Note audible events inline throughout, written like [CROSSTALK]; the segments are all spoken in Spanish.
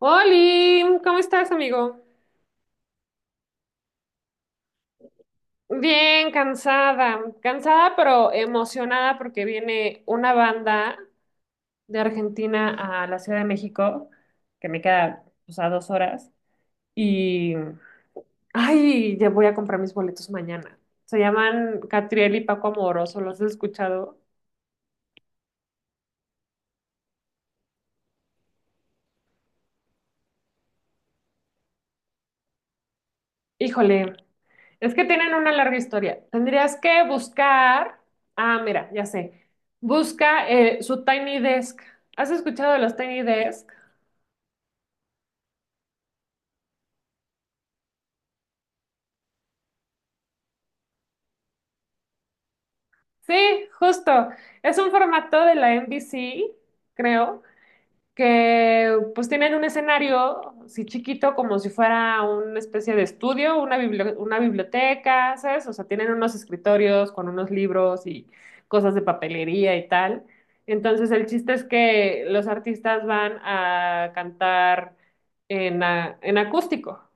Oli, ¿cómo estás, amigo? Bien, cansada, cansada pero emocionada porque viene una banda de Argentina a la Ciudad de México, que me queda pues, a dos horas, y ay, ya voy a comprar mis boletos mañana. Se llaman Catriel y Paco Amoroso, ¿los he escuchado? Híjole, es que tienen una larga historia. Tendrías que buscar, ah, mira, ya sé, busca su Tiny Desk. ¿Has escuchado de los Tiny Desk? Sí, justo. Es un formato de la NBC, creo, que pues tienen un escenario, sí chiquito, como si fuera una especie de estudio, una una biblioteca, ¿sabes? O sea, tienen unos escritorios con unos libros y cosas de papelería y tal. Entonces, el chiste es que los artistas van a cantar en acústico,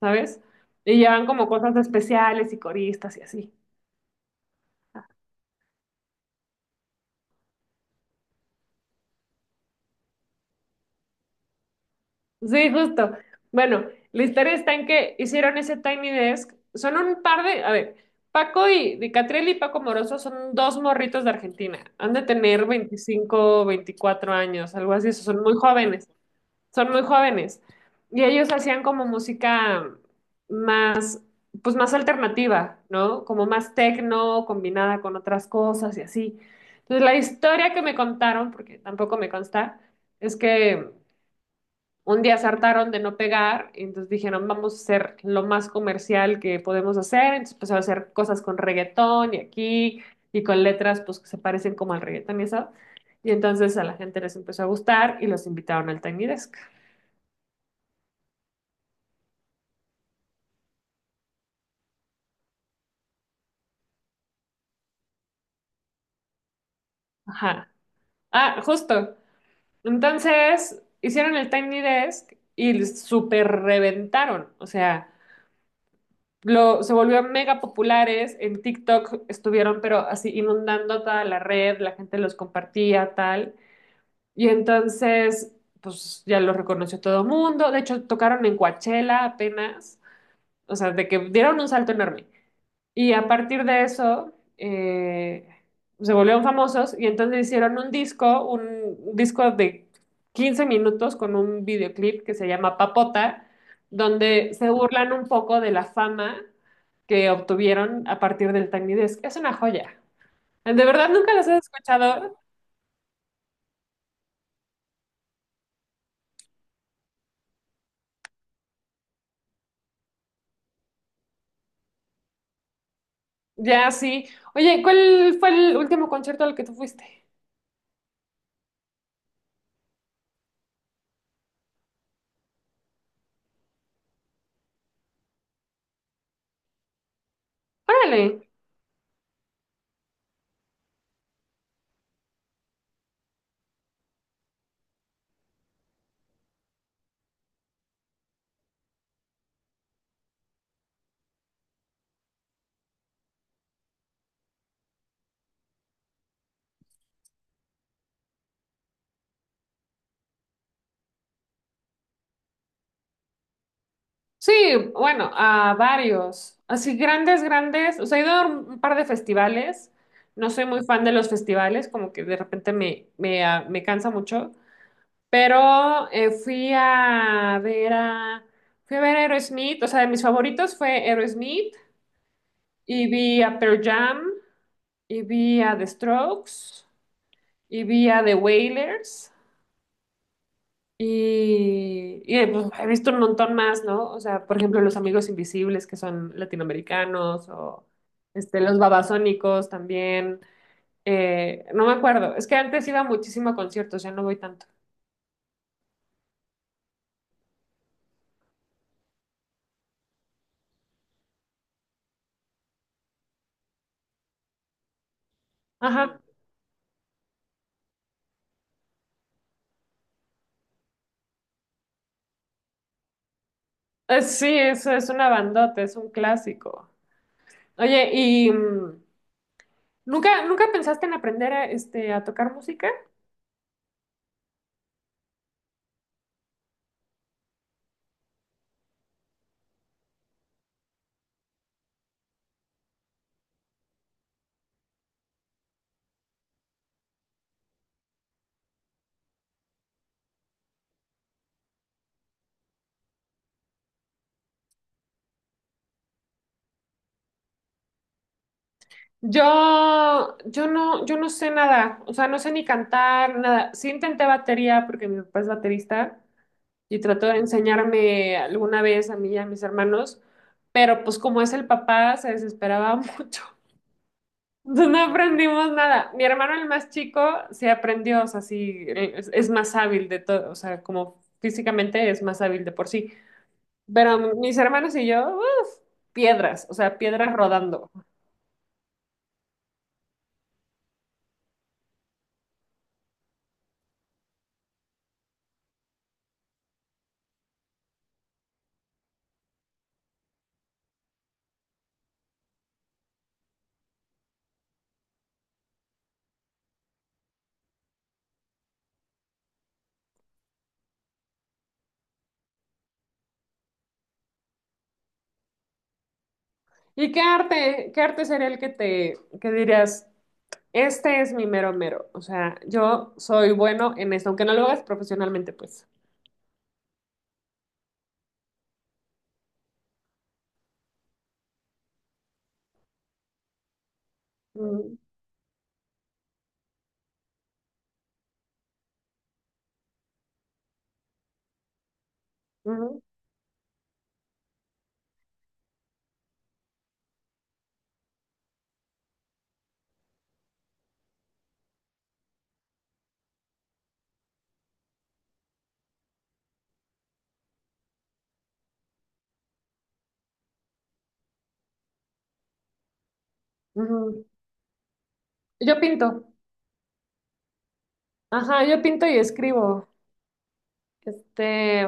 ¿sabes? Y llevan como cosas especiales y coristas y así. Sí, justo. Bueno, la historia está en que hicieron ese Tiny Desk. Son un par de, a ver, Paco y Di Catriel y Paco Moroso son dos morritos de Argentina. Han de tener 25, 24 años, algo así. Son muy jóvenes. Son muy jóvenes. Y ellos hacían como música más, pues más alternativa, ¿no? Como más techno, combinada con otras cosas y así. Entonces, la historia que me contaron, porque tampoco me consta, es que un día se hartaron de no pegar, y entonces dijeron, vamos a ser lo más comercial que podemos hacer, entonces empezaron a hacer cosas con reggaetón y aquí, y con letras pues que se parecen como al reggaetón y eso, y entonces a la gente les empezó a gustar y los invitaron al Tiny Desk. Ajá. Ah, justo. Entonces hicieron el Tiny Desk y súper reventaron, o sea... Lo, se volvió mega populares, en TikTok estuvieron pero así inundando toda la red, la gente los compartía, tal. Y entonces, pues ya lo reconoció todo el mundo. De hecho, tocaron en Coachella apenas. O sea, de que dieron un salto enorme. Y a partir de eso, se volvieron famosos y entonces hicieron un disco de 15 minutos con un videoclip que se llama Papota, donde se burlan un poco de la fama que obtuvieron a partir del Tiny Desk. Es una joya. De verdad, nunca los he escuchado. Ya, sí. Oye, ¿cuál fue el último concierto al que tú fuiste? Órale. Sí, bueno, a varios. Así grandes, grandes. O sea, he ido a un par de festivales. No soy muy fan de los festivales, como que de repente me cansa mucho. Pero fui a ver a, fui a ver a Aerosmith. O sea, de mis favoritos fue Aerosmith. Y vi a Pearl Jam. Y vi a The Strokes. Y vi a The Wailers. Pues, he visto un montón más, ¿no? O sea, por ejemplo, los Amigos Invisibles, que son latinoamericanos, o este, los Babasónicos también. No me acuerdo. Es que antes iba muchísimo a conciertos, ya no voy tanto. Ajá. Sí, eso es una bandota, es un clásico. Oye, ¿y nunca, nunca pensaste en aprender a, este, a tocar música? Yo no sé nada, o sea, no sé ni cantar, nada. Sí intenté batería porque mi papá es baterista y trató de enseñarme alguna vez a mí y a mis hermanos, pero pues como es el papá, se desesperaba [LAUGHS] mucho. Entonces no aprendimos nada. Mi hermano, el más chico, sí aprendió, o sea, sí, es más hábil de todo, o sea, como físicamente es más hábil de por sí. Pero mis hermanos y yo, uf, piedras, o sea, piedras rodando. ¿Y qué arte sería el que te, que dirías, este es mi mero mero? O sea, yo soy bueno en esto, aunque no lo hagas profesionalmente, pues. Mm, ujú, ujú. Yo pinto, ajá, yo pinto y escribo. Este,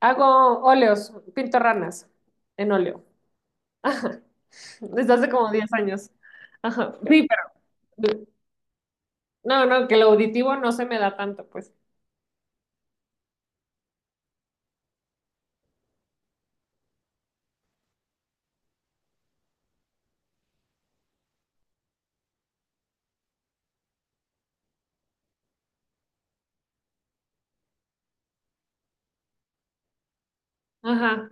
hago óleos, pinto ranas en óleo. Ajá. Desde hace como 10 años. Ajá. Sí, pero no, que lo auditivo no se me da tanto, pues. Ajá.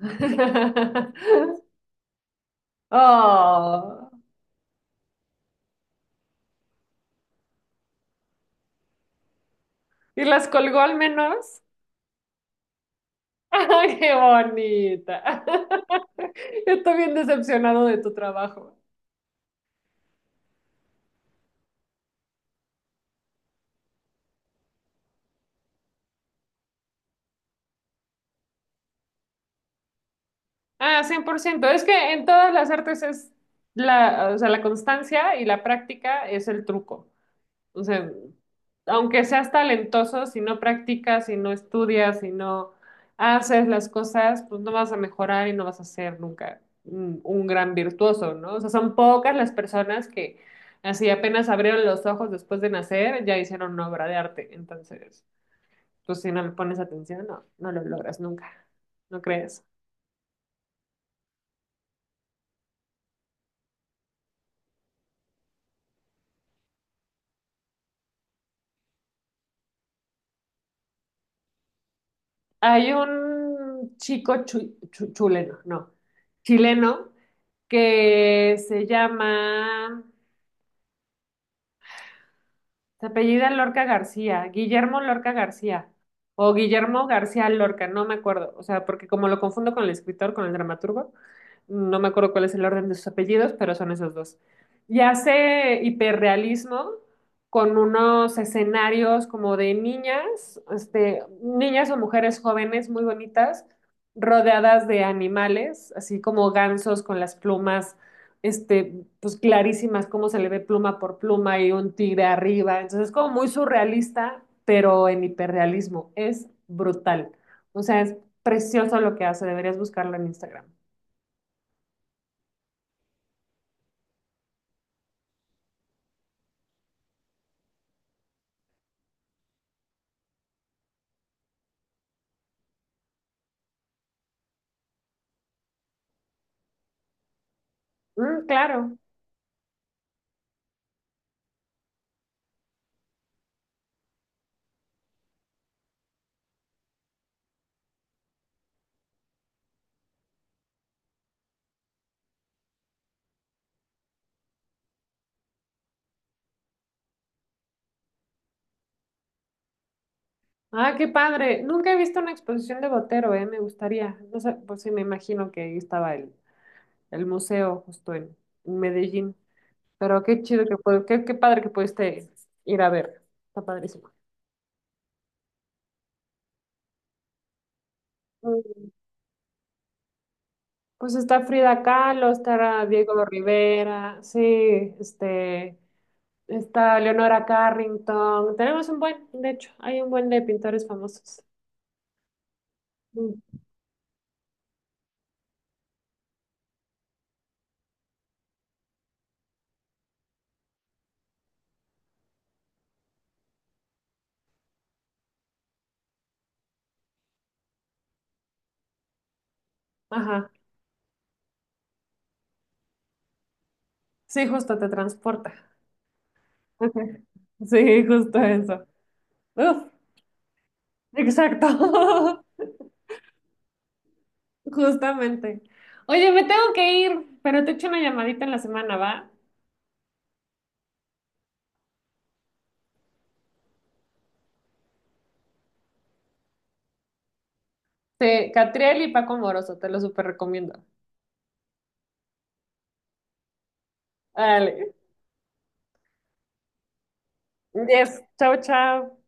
[LAUGHS] Oh. ¿Y las colgó al menos? [LAUGHS] ¡Ay, qué bonita! [LAUGHS] Estoy bien decepcionado de tu trabajo. Ah, cien por ciento. Es que en todas las artes es la, o sea, la constancia y la práctica es el truco. O sea, aunque seas talentoso, si no practicas, si no estudias, si no haces las cosas, pues no vas a mejorar y no vas a ser nunca un, un gran virtuoso, ¿no? O sea, son pocas las personas que así apenas abrieron los ojos después de nacer, ya hicieron una obra de arte. Entonces, pues si no le pones atención, no lo logras nunca, ¿no crees? Hay un chico chuleno, no, chileno que se llama... Se apellida Lorca García, Guillermo Lorca García, o Guillermo García Lorca, no me acuerdo, o sea, porque como lo confundo con el escritor, con el dramaturgo, no me acuerdo cuál es el orden de sus apellidos, pero son esos dos. Y hace hiperrealismo con unos escenarios como de niñas, este, niñas o mujeres jóvenes muy bonitas, rodeadas de animales, así como gansos con las plumas este, pues clarísimas, cómo se le ve pluma por pluma y un tigre arriba. Entonces es como muy surrealista, pero en hiperrealismo. Es brutal. O sea, es precioso lo que hace. Deberías buscarlo en Instagram. Mm, claro. Ah, qué padre. Nunca he visto una exposición de Botero, eh. Me gustaría. No sé, pues sí, me imagino que ahí estaba el museo justo en Medellín. Pero qué chido que puede, qué, qué padre que pudiste ir a ver. Está padrísimo. Mm. Pues está Frida Kahlo, está Diego Rivera, sí, este, está Leonora Carrington. Tenemos un buen, de hecho, hay un buen de pintores famosos. Mm, ajá, sí, justo te transporta. [LAUGHS] Sí, justo eso. Uf, exacto, [LAUGHS] justamente. Oye, me tengo que ir, pero te echo una llamadita en la semana, ¿va? Sí, Catriel y Paco Moroso, te lo súper recomiendo. Dale. Yes, chao, chao.